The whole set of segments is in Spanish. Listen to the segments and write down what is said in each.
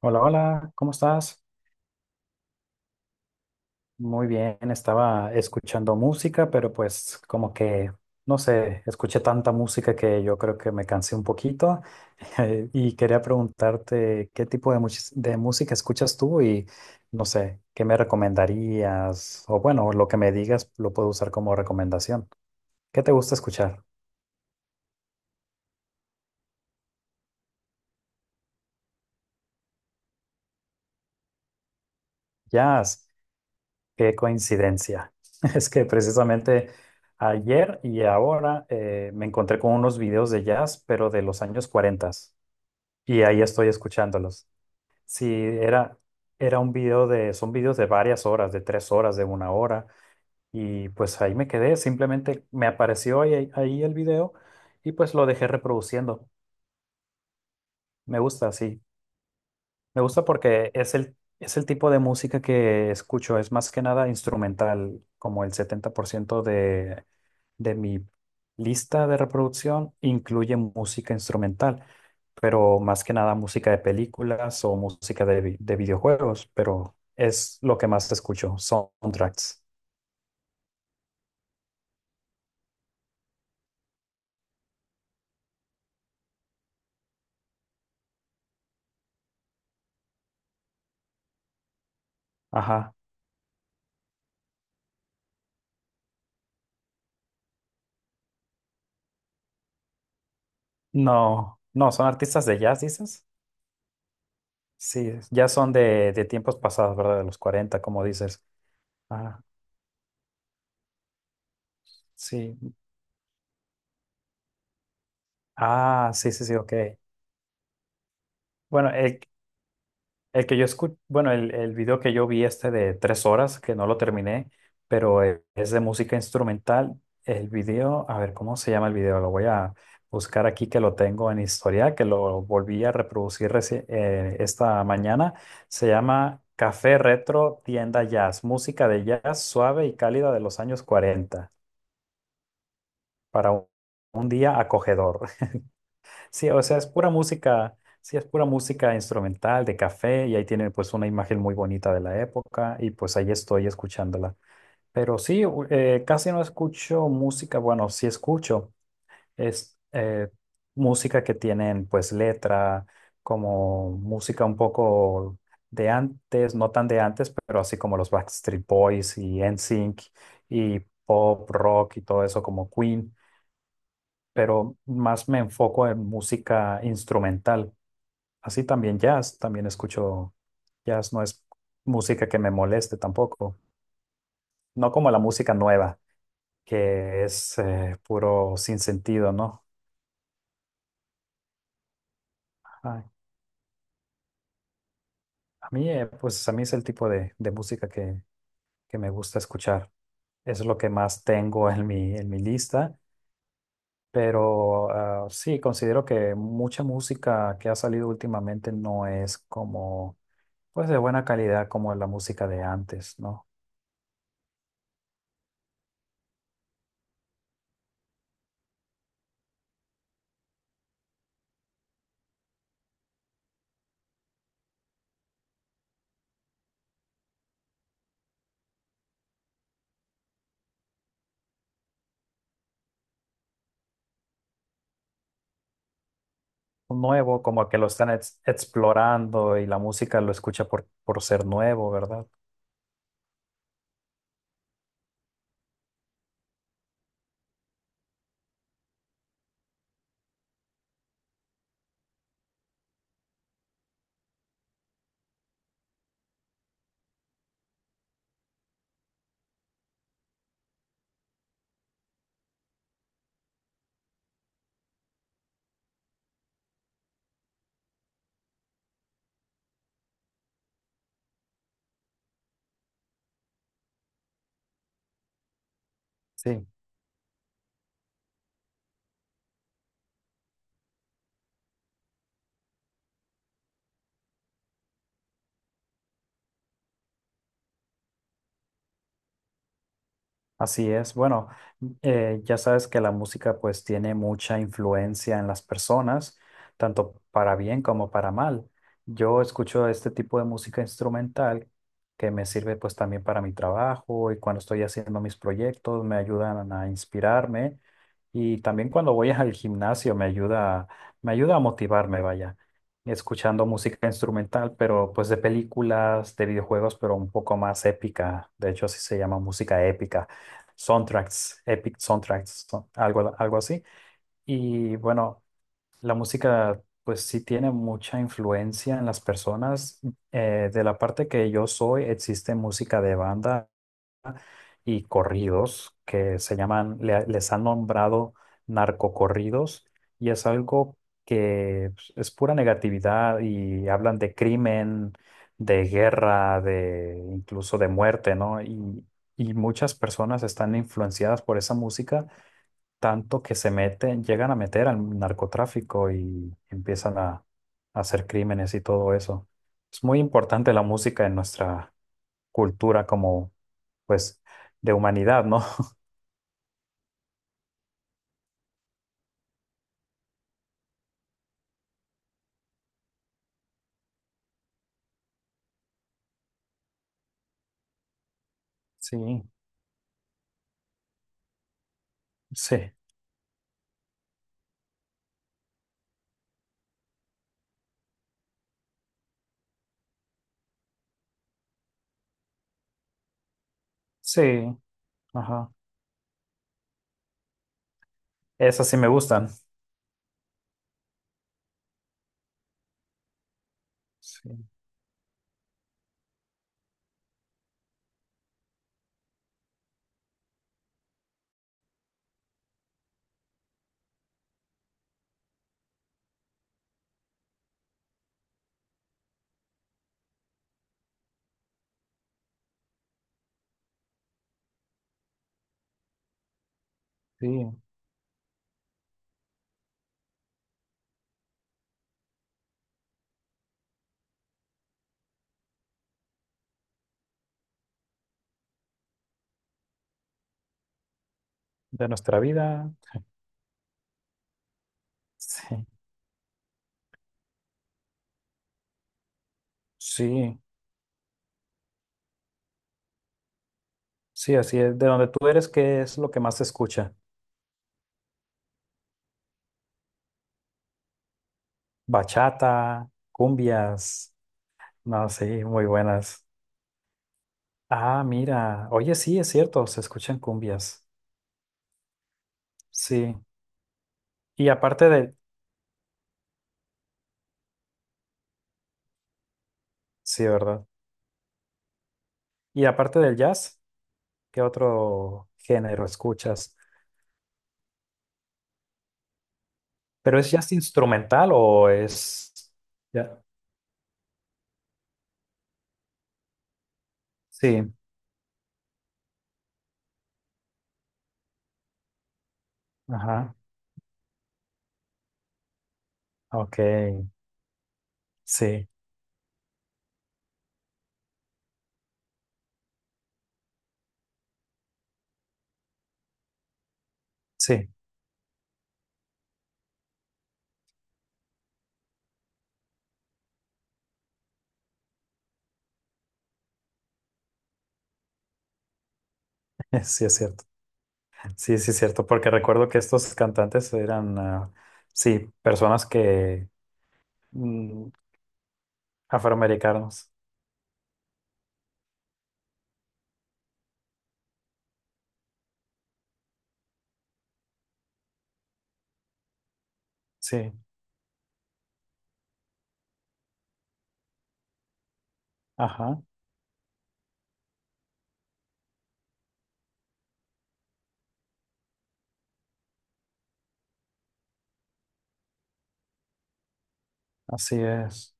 Hola, hola, ¿cómo estás? Muy bien, estaba escuchando música, pero pues como que, no sé, escuché tanta música que yo creo que me cansé un poquito y quería preguntarte qué tipo de música escuchas tú y no sé, qué me recomendarías o bueno, lo que me digas lo puedo usar como recomendación. ¿Qué te gusta escuchar? Jazz. Qué coincidencia. Es que precisamente ayer y ahora me encontré con unos videos de jazz, pero de los años 40 y ahí estoy escuchándolos. Sí, era un video son videos de varias horas, de 3 horas, de una hora, y pues ahí me quedé, simplemente me apareció ahí el video y pues lo dejé reproduciendo. Me gusta, sí, me gusta porque es el tipo de música que escucho, es más que nada instrumental, como el 70% de mi lista de reproducción incluye música instrumental, pero más que nada música de películas o música de videojuegos, pero es lo que más escucho, soundtracks. Ajá. No, no, son artistas de jazz, dices. Sí, ya son de tiempos pasados, ¿verdad? De los 40 como dices. Ah, sí. Ah, sí, sí, sí, ok. Bueno, El que yo escuché, bueno, el video que yo vi este de 3 horas, que no lo terminé, pero es de música instrumental. El video, a ver, ¿cómo se llama el video? Lo voy a buscar aquí que lo tengo en historia, que lo volví a reproducir esta mañana. Se llama Café Retro Tienda Jazz, música de jazz suave y cálida de los años 40 para un día acogedor. Sí, o sea, es pura música, sí, es pura música instrumental de café y ahí tiene pues una imagen muy bonita de la época y pues ahí estoy escuchándola. Pero sí, casi no escucho música, bueno, sí escucho, es música que tienen pues letra, como música un poco de antes, no tan de antes, pero así como los Backstreet Boys y NSYNC y pop, rock y todo eso como Queen, pero más me enfoco en música instrumental. Así también jazz, también escucho jazz, no es música que me moleste tampoco, no como la música nueva, que es puro sin sentido, ¿no? Ay, a mí, pues a mí es el tipo de música que me gusta escuchar. Es lo que más tengo en mi lista, pero sí, considero que mucha música que ha salido últimamente no es como, pues de buena calidad como la música de antes, ¿no? Nuevo, como que lo están explorando y la música lo escucha por ser nuevo, ¿verdad? Sí. Así es. Bueno, ya sabes que la música pues tiene mucha influencia en las personas, tanto para bien como para mal. Yo escucho este tipo de música instrumental que me sirve pues también para mi trabajo y cuando estoy haciendo mis proyectos me ayudan a inspirarme y también cuando voy al gimnasio me ayuda a motivarme, vaya, escuchando música instrumental, pero pues de películas, de videojuegos, pero un poco más épica. De hecho, así se llama música épica soundtracks, epic soundtracks, algo así. Y bueno, la música pues sí tiene mucha influencia en las personas. De la parte que yo soy, existe música de banda y corridos que se llaman, les han nombrado narcocorridos y es algo que pues, es pura negatividad y hablan de crimen, de guerra, de incluso de muerte, ¿no? Y muchas personas están influenciadas por esa música, tanto que se meten, llegan a meter al narcotráfico y empiezan a hacer crímenes y todo eso. Es muy importante la música en nuestra cultura como, pues, de humanidad, ¿no? Sí, sí, sí, ajá. Esas sí me gustan. Sí, sí, de nuestra vida. Sí, sí, sí, así es. De donde tú eres, ¿qué es lo que más se escucha? Bachata, cumbias. No, sí, muy buenas. Ah, mira. Oye, sí, es cierto, se escuchan cumbias. Sí. Y aparte del, sí, ¿verdad? Y aparte del jazz, ¿qué otro género escuchas? ¿Pero es jazz instrumental o es...? Ya. Sí, ajá, ok, sí, sí, sí es cierto, sí, sí es cierto, porque recuerdo que estos cantantes eran, ah, sí, personas que... Mm, afroamericanos, sí, ajá, así es.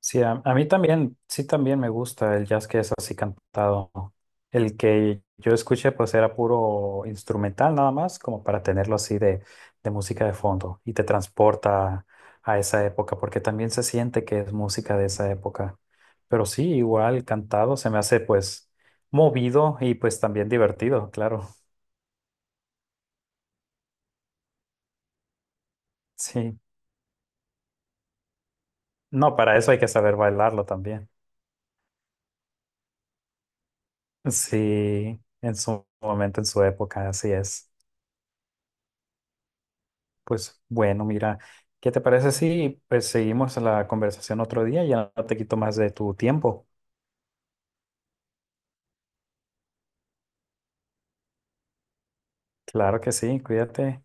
Sí, a mí también, sí también me gusta el jazz que es así cantado. El que yo escuché pues era puro instrumental nada más, como para tenerlo así de música de fondo y te transporta a esa época, porque también se siente que es música de esa época. Pero sí, igual cantado se me hace pues movido y pues también divertido, claro. Sí, no, para eso hay que saber bailarlo también. Sí, en su momento, en su época, así es. Pues bueno, mira, ¿qué te parece si pues seguimos la conversación otro día? Ya no te quito más de tu tiempo. Claro que sí, cuídate.